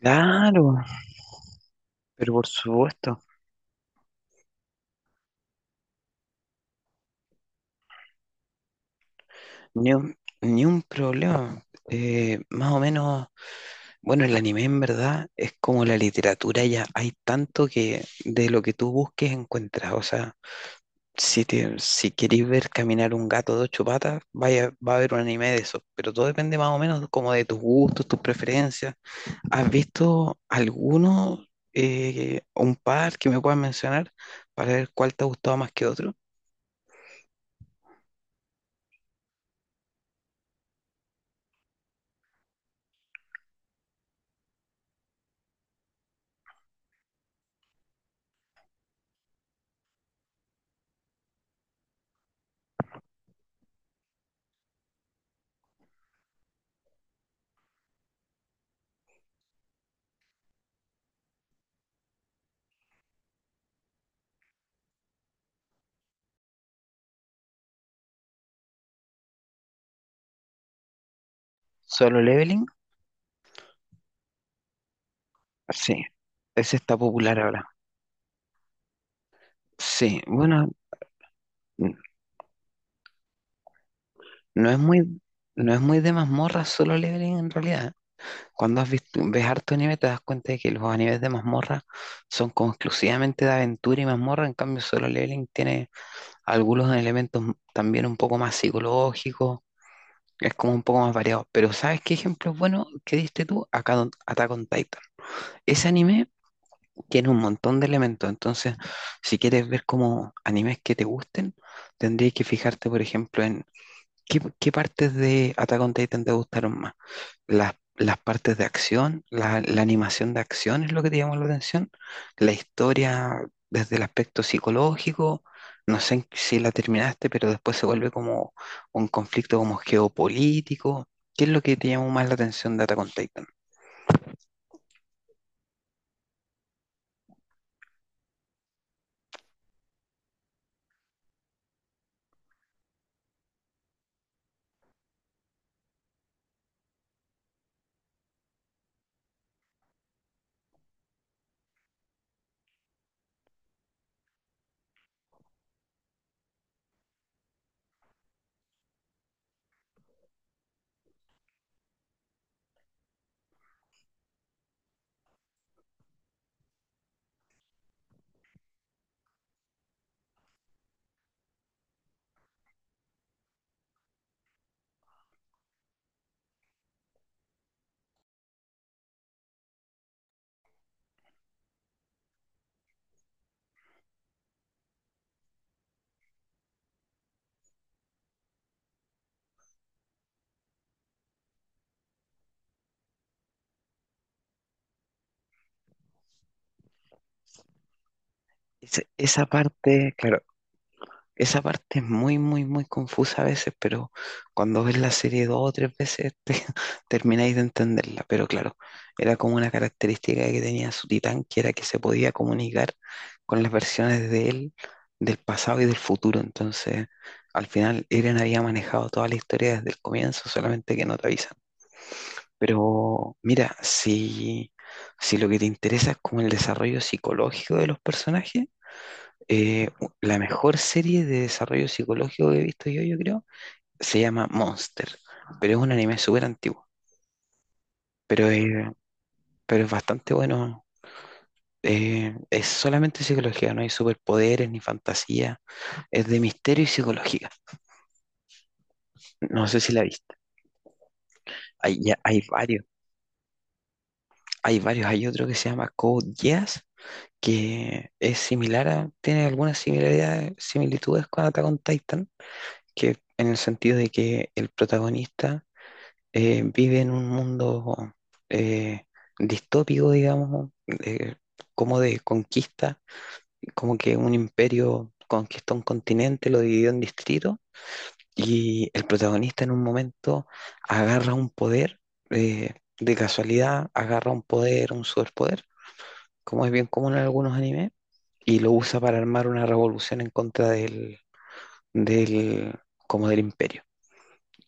Claro, pero por supuesto, ni un, ni un problema. Más o menos, bueno, el anime en verdad es como la literatura, ya hay tanto que de lo que tú busques encuentras. O sea, si querés ver caminar un gato de 8 patas, vaya, va a haber un anime de eso. Pero todo depende más o menos como de tus gustos, tus preferencias. ¿Has visto alguno, un par que me puedas mencionar para ver cuál te ha gustado más que otro? ¿Solo Leveling? Sí, ese está popular ahora. Sí, bueno, n- no es muy, no es muy de mazmorra solo leveling en realidad. Cuando has visto, ves harto anime te das cuenta de que los animes de mazmorra son como exclusivamente de aventura y mazmorra, en cambio solo leveling tiene algunos elementos también un poco más psicológicos, es como un poco más variado. Pero ¿sabes qué ejemplo bueno que diste tú? Acá Attack on Titan. Ese anime tiene un montón de elementos. Entonces, si quieres ver como animes que te gusten, tendrías que fijarte, por ejemplo, en qué partes de Attack on Titan te gustaron más. Las partes de acción, la animación de acción es lo que te llamó la atención. La historia desde el aspecto psicológico. No sé si la terminaste, pero después se vuelve como un conflicto como geopolítico. ¿Qué es lo que te llamó más la atención de Attack on Titan? Esa parte, claro, esa parte es muy, muy, muy confusa a veces, pero cuando ves la serie 2 o 3 veces termináis de entenderla. Pero claro, era como una característica que tenía su titán, que era que se podía comunicar con las versiones de él del pasado y del futuro. Entonces, al final, Eren había manejado toda la historia desde el comienzo, solamente que no te avisan. Pero mira, si, si lo que te interesa es como el desarrollo psicológico de los personajes, la mejor serie de desarrollo psicológico que he visto yo, yo creo, se llama Monster, pero es un anime súper antiguo, pero, eh, pero es bastante bueno. Es solamente psicología, no hay superpoderes ni fantasía, es de misterio y psicología. No sé si la viste. Hay varios, hay varios. Hay otro que se llama Code Geass, que es similar a, tiene algunas similitudes con Attack on Titan, que en el sentido de que el protagonista vive en un mundo eh, distópico, digamos, como de conquista, como que un imperio conquistó un continente, lo dividió en distritos, y el protagonista en un momento agarra un poder, eh, de casualidad, agarra un poder, un superpoder, como es bien común en algunos animes, y lo usa para armar una revolución en contra del, como del imperio.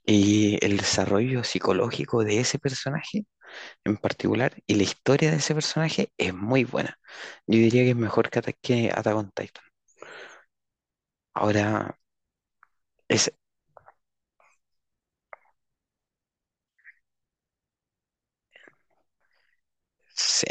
Y el desarrollo psicológico de ese personaje en particular y la historia de ese personaje es muy buena. Yo diría que es mejor que, que Attack on Titan. Ahora, es, sí,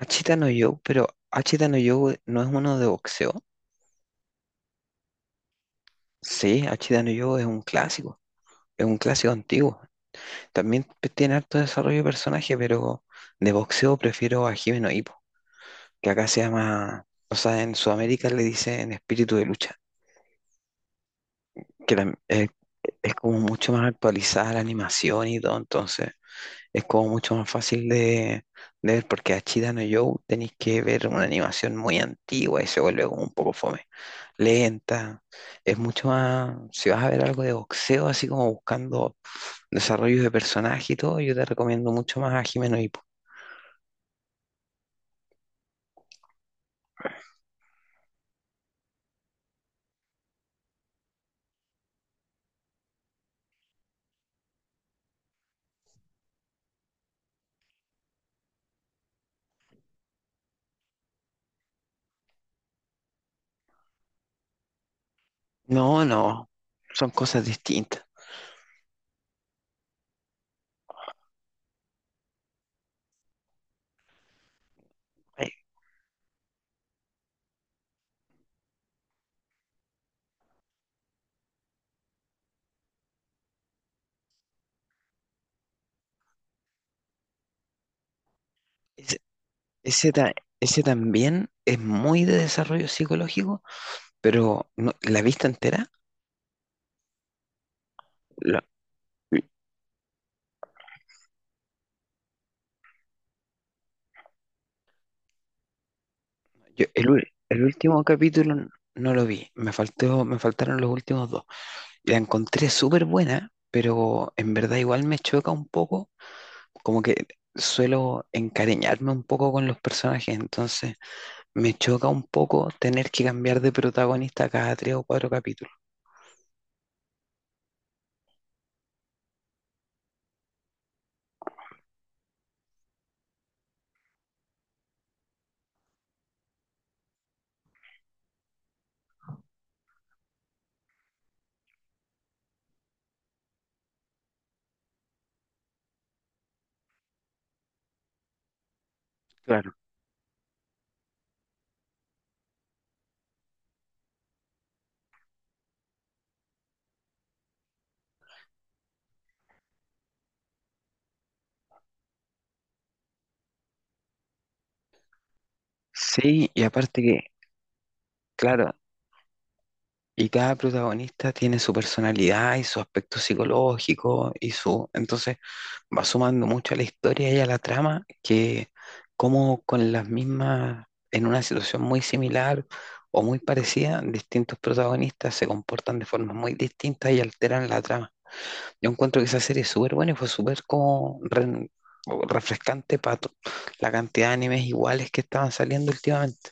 Hachita no Joe, pero Hachita no Joe no es uno de boxeo. Sí, Hachita no Joe es un clásico antiguo. También tiene harto desarrollo de personaje, pero de boxeo prefiero a Hime no Ippo, que acá se llama, o sea, en Sudamérica le dicen espíritu de lucha, que es como mucho más actualizada la animación y todo, entonces es como mucho más fácil de ver porque a Achida no Joe tenéis que ver una animación muy antigua y se vuelve como un poco fome, lenta. Es mucho más, si vas a ver algo de boxeo, así como buscando desarrollos de personaje y todo, yo te recomiendo mucho más a Jimeno Hippo. No, no, son cosas distintas. Eh, Ese, ese ta- ese también es muy de desarrollo psicológico, pero la vista entera. Yo el último capítulo no lo vi, me faltó, me faltaron los últimos 2. La encontré súper buena, pero en verdad igual me choca un poco, como que suelo encariñarme un poco con los personajes, entonces me choca un poco tener que cambiar de protagonista cada 3 o 4 capítulos. Claro. Sí, y aparte que, claro, y cada protagonista tiene su personalidad y su aspecto psicológico y su... Entonces va sumando mucho a la historia y a la trama que como con las mismas, en una situación muy similar o muy parecida, distintos protagonistas se comportan de formas muy distintas y alteran la trama. Yo encuentro que esa serie es súper buena y fue súper como refrescante para la cantidad de animes iguales que estaban saliendo últimamente.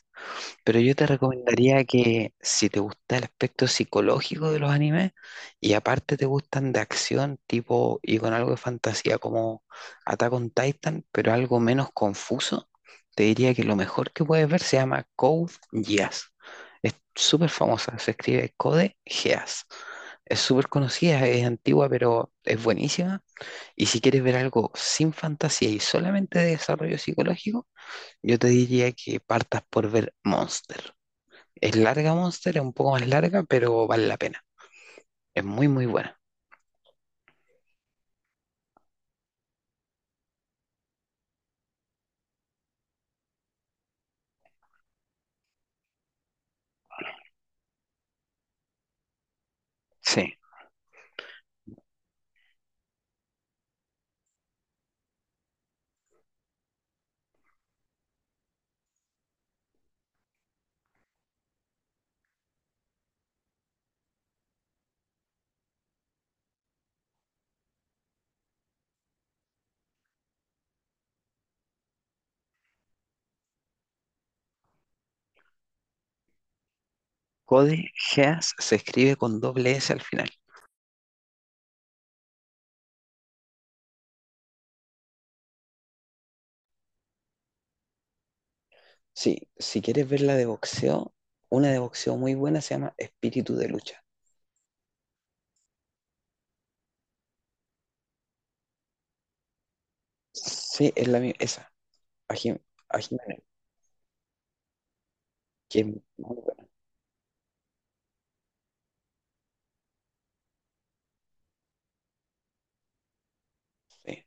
Pero yo te recomendaría que si te gusta el aspecto psicológico de los animes y aparte te gustan de acción tipo y con algo de fantasía como Attack on Titan, pero algo menos confuso, te diría que lo mejor que puedes ver se llama Code Geass. Es súper famosa, se escribe Code Geass. Es súper conocida, es antigua, pero es buenísima. Y si quieres ver algo sin fantasía y solamente de desarrollo psicológico, yo te diría que partas por ver Monster. Es larga Monster, es un poco más larga, pero vale la pena. Es muy, muy buena. Sí, Cody Geass se escribe con doble S al final. Sí. Si quieres ver la de boxeo, una de boxeo muy buena se llama Espíritu de Lucha. Sí, es la misma, esa, a Jim- a Jiménez, que es muy buena. Sí.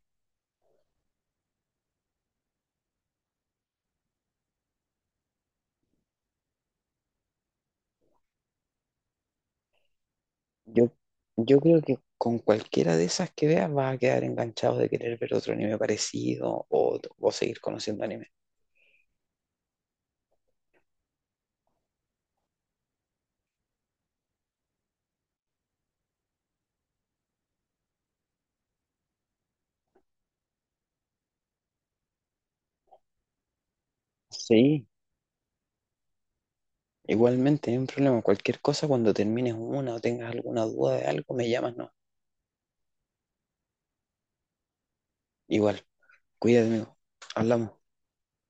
Yo, yo creo que con cualquiera de esas que veas vas a quedar enganchado de querer ver otro anime parecido o seguir conociendo anime. Sí, igualmente, no hay un problema. Cualquier cosa, cuando termines una o tengas alguna duda de algo, me llamas, no. Igual, cuídate, amigo. Hablamos.